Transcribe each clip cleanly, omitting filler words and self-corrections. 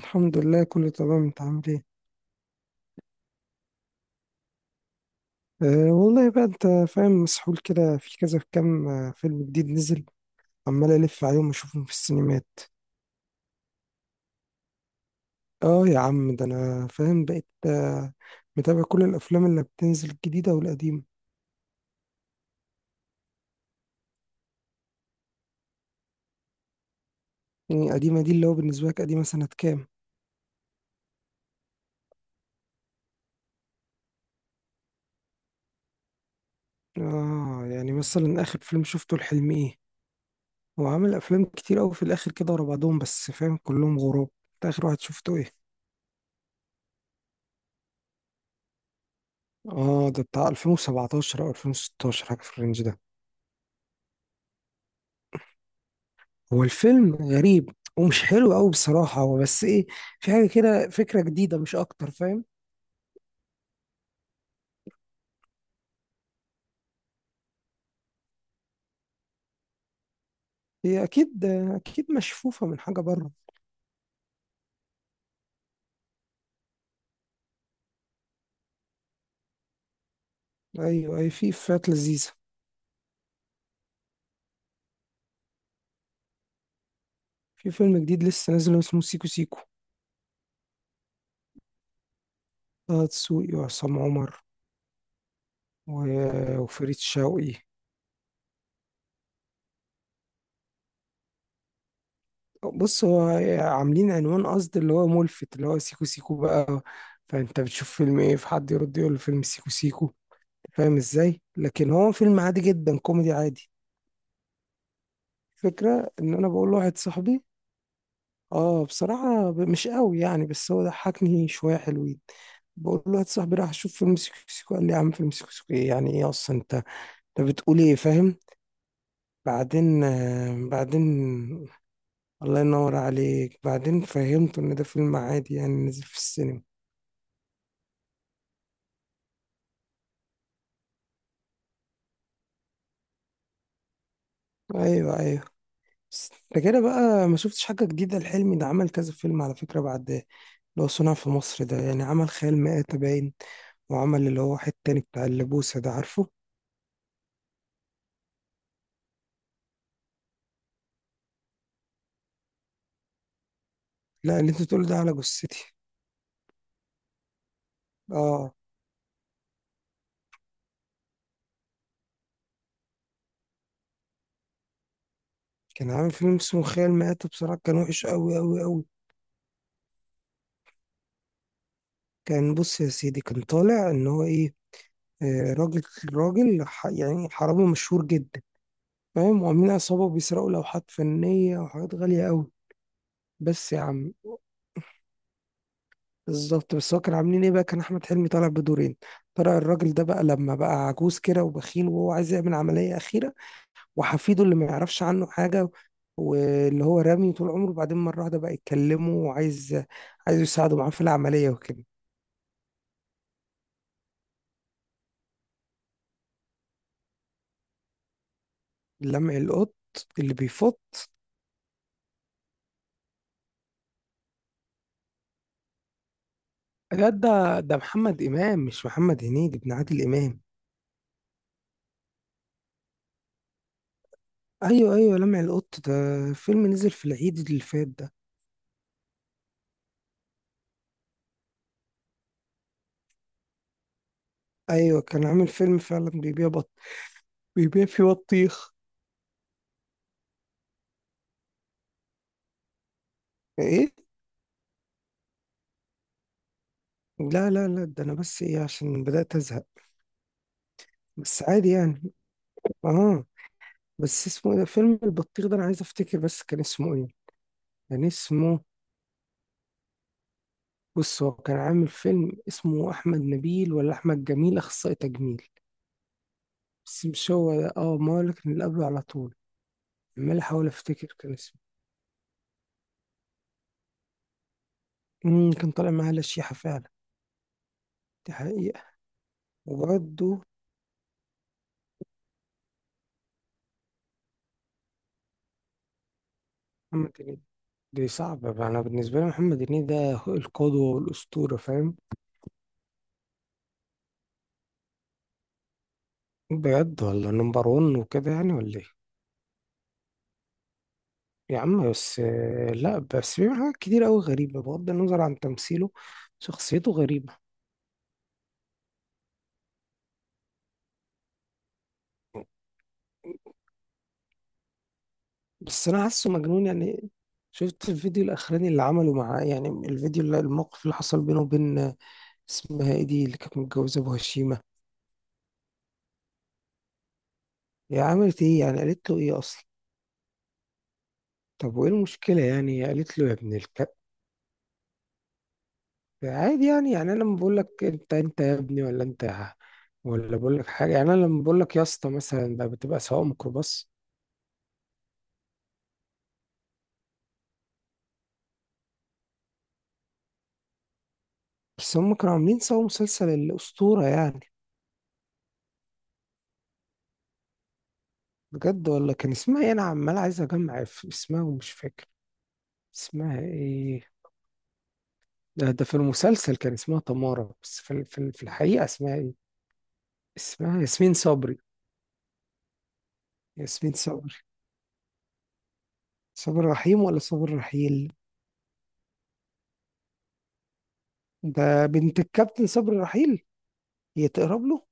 الحمد لله كله تمام، انت عامل ايه؟ أه والله بقى، انت فاهم مسحول كده، في كذا، في كام فيلم جديد نزل، عمال الف عليهم واشوفهم في السينمات. اه يا عم، ده انا فاهم بقيت، متابع كل الافلام اللي بتنزل، الجديده والقديمه. يعني القديمه دي اللي هو بالنسبه لك قديمه سنه كام؟ اه، يعني مثلا اخر فيلم شفته لحلمي ايه؟ هو عامل افلام كتير قوي في الاخر كده ورا بعضهم، بس فاهم كلهم غراب. انت اخر واحد شفته ايه؟ اه ده بتاع 2017 او 2016، حاجه في الرينج ده. هو الفيلم غريب ومش حلو قوي بصراحة، هو بس ايه، في حاجة كده فكرة جديدة مش اكتر، فاهم. هي اكيد، اكيد مشفوفة من حاجة بره. ايوه، اي في فات لذيذة. في فيلم جديد لسه نازل اسمه سيكو سيكو. طه دسوقي وعصام عمر وفريد شوقي. بص هو عاملين عنوان قصد اللي هو ملفت، اللي هو سيكو سيكو بقى، فانت بتشوف فيلم ايه فحد يرد يقول فيلم سيكو سيكو، فاهم ازاي؟ لكن هو فيلم عادي جدا، كوميدي عادي. الفكرة ان انا بقول لواحد صاحبي. اه بصراحة، مش قوي يعني، بس هو ضحكني شوية حلوين. بقول له واحد صاحبي راح اشوف فيلم سيكو سيكو، قال لي يا عم، فيلم سيكو سيكو ايه؟ يعني ايه اصلا؟ انت انت بتقول ايه، فاهم؟ بعدين، بعدين، الله ينور عليك، بعدين فهمته ان ده فيلم عادي يعني، نزل في السينما. ايوه ايوه. بس ده كده بقى، ما شفتش حاجة جديدة لحلمي، ده عمل كذا فيلم على فكرة بعد ده. اللي هو صنع في مصر ده، يعني عمل خيال مآتة باين، وعمل اللي هو واحد تاني بتاع اللبوسة ده عارفه. لا، اللي انت تقول ده على جثتي. اه كان عامل فيلم اسمه خيال مآتة، بصراحة كان وحش أوي أوي أوي. كان بص يا سيدي، كان طالع إن هو إيه، راجل، راجل يعني حرامي مشهور جدا، فاهم؟ وعاملين عصابة بيسرقوا لوحات فنية وحاجات غالية أوي. بس يا عم، بالظبط، بس هو كان عاملين إيه بقى، كان أحمد حلمي طالع بدورين. طلع الراجل ده بقى لما بقى عجوز كده وبخيل، وهو عايز يعمل عملية أخيرة، وحفيده اللي ما يعرفش عنه حاجة، واللي هو رامي طول عمره، بعدين مرة واحدة بقى يتكلمه وعايز، عايز يساعده معاه في العملية وكده. لمع القط، اللي بيفط. لا ده محمد إمام مش محمد هنيدي، ابن عادل إمام. أيوه أيوه، لمع القط ده فيلم نزل في العيد اللي فات ده. أيوه، كان عامل فيلم فعلا بيبيع بيبيع فيه بطيخ. إيه؟ لا، ده أنا بس إيه، عشان بدأت أزهق. بس عادي يعني. آه. بس اسمه إيه ده، فيلم البطيخ ده، أنا عايز أفتكر بس كان اسمه إيه، كان اسمه. بص هو كان عامل فيلم اسمه أحمد نبيل ولا أحمد جميل، أخصائي تجميل. بس مش هو ده، اه ما هو اللي كان اللي قبله على طول. عمال أحاول أفتكر كان اسمه. مم، كان طالع معاه لشيحة فعلا، دي حقيقة. وبرده محمد هنيدي. دي صعبة بقى. أنا بالنسبة لي محمد هنيدي ده هو القدوة والأسطورة، فاهم؟ بجد؟ ولا نمبر ون وكده يعني، ولا إيه؟ يا عم بس، لا بس في حاجات كتير أوي غريبة بغض النظر عن تمثيله، شخصيته غريبة. بس انا حاسه مجنون يعني. شفت الفيديو الاخراني اللي عمله مع يعني الفيديو اللي الموقف اللي حصل بينه وبين، اسمها ايه دي اللي كانت متجوزه ابو هشيمه؟ هي عملت ايه يعني، قالت له ايه اصلا؟ طب وايه المشكله يعني، قالت له يا ابن الكلب؟ عادي يعني، يعني انا لما بقول لك انت انت يا ابني، ولا انت ولا بقول لك حاجه يعني، انا لما بقول لك يا اسطى مثلا، ده بتبقى سواق ميكروباص. بس هم كانوا عاملين سوا مسلسل الاسطوره يعني. بجد؟ ولا كان اسمها ايه، انا عمال عايز اجمع اسمها ومش فاكر اسمها ايه. ده ده في المسلسل كان اسمها تمارة، بس في الحقيقة اسمها ايه؟ اسمها ياسمين صبري. ياسمين صبري. صبري رحيم ولا صبري رحيل؟ ده بنت الكابتن صبري رحيل؟ هي تقرب له؟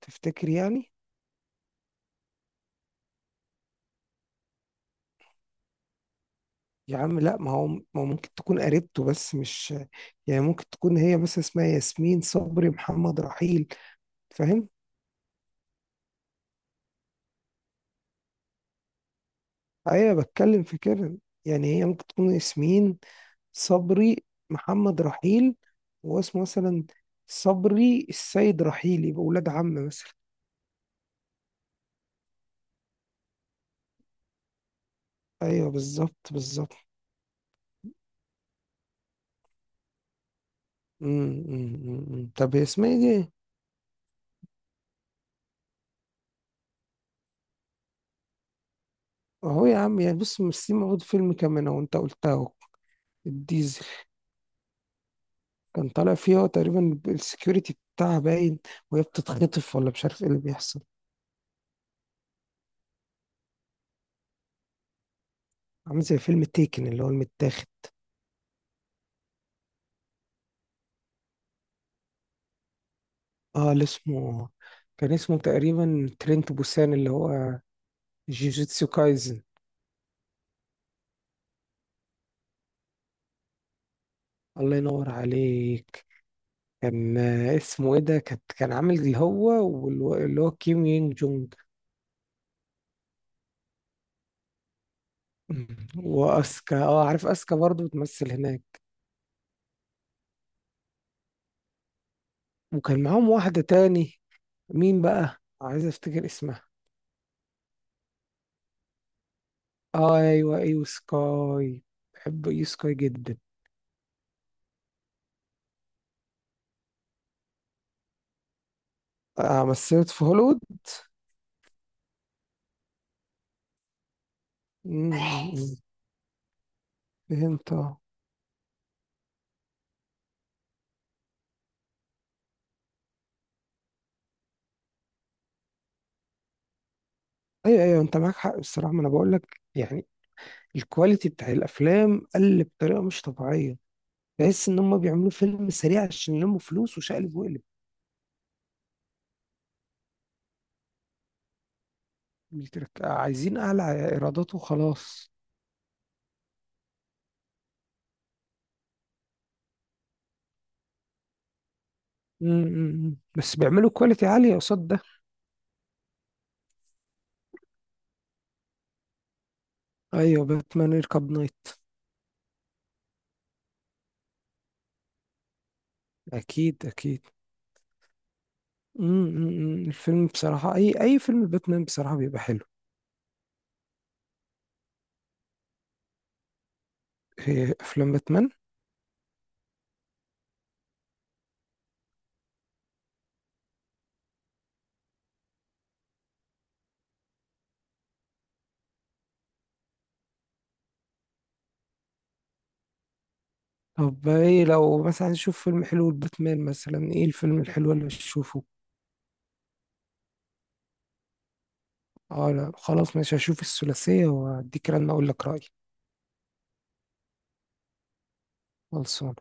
تفتكر يعني؟ يا عم لا، ما هو ممكن تكون قريبته بس مش، يعني ممكن تكون هي، بس اسمها ياسمين صبري محمد رحيل، فاهم؟ ايوه بتكلم في كده. يعني هي ممكن تكون ياسمين صبري محمد رحيل، واسمه مثلا صبري السيد رحيل، يبقى ولاد عم مثلا. ايوه بالظبط بالظبط. أمم، أمم، أمم. إمم. طب هي اسمها ايه دي؟ اهو يا عم يعني، بص ممثلين موجود في فيلم كمان، اهو انت قلتها اهو، الديزل. كان طالع فيه هو تقريبا السكيورتي بتاعها باين، وهي بتتخطف ولا مش عارف ايه اللي بيحصل. عامل زي فيلم تيكن اللي هو المتاخد. اه اللي اسمه، كان اسمه تقريبا ترينت بوسان اللي هو جيجيتسو كايزن. الله ينور عليك. كان اسمه ايه ده، كانت كان عامل اللي هو اللي هو كيم يونج جونج. واسكا، اه عارف اسكا برضو بتمثل هناك. وكان معاهم واحدة تاني، مين بقى، عايز افتكر اسمها. اه ايوه ايوه، سكاي. بحب ايو سكاي جدا. آه مثلت في هوليوود. مم. فهمت اه. ايوه ايوه، انت معاك حق بصراحة، ما انا بقول لك يعني، الكواليتي بتاع الافلام قل بطريقة مش طبيعية، تحس ان هم بيعملوا فيلم سريع عشان يلموا فلوس وشقلب وقلب. الترك، عايزين اعلى ايرادات وخلاص. مم، مم، مم. بس بيعملوا كواليتي عالية قصاد ده. ايوه باتمان يركب نايت. اكيد اكيد. مم، مم، مم. الفيلم بصراحة، اي اي فيلم باتمان بصراحة بيبقى حلو. إيه، افلام باتمان. طب ايه لو مثلا نشوف فيلم حلو لباتمان مثلا، ايه الفيلم الحلو اللي هشوفه؟ اه لا خلاص، مش هشوف الثلاثية واديك رن اقول لك رأيي. خلصان.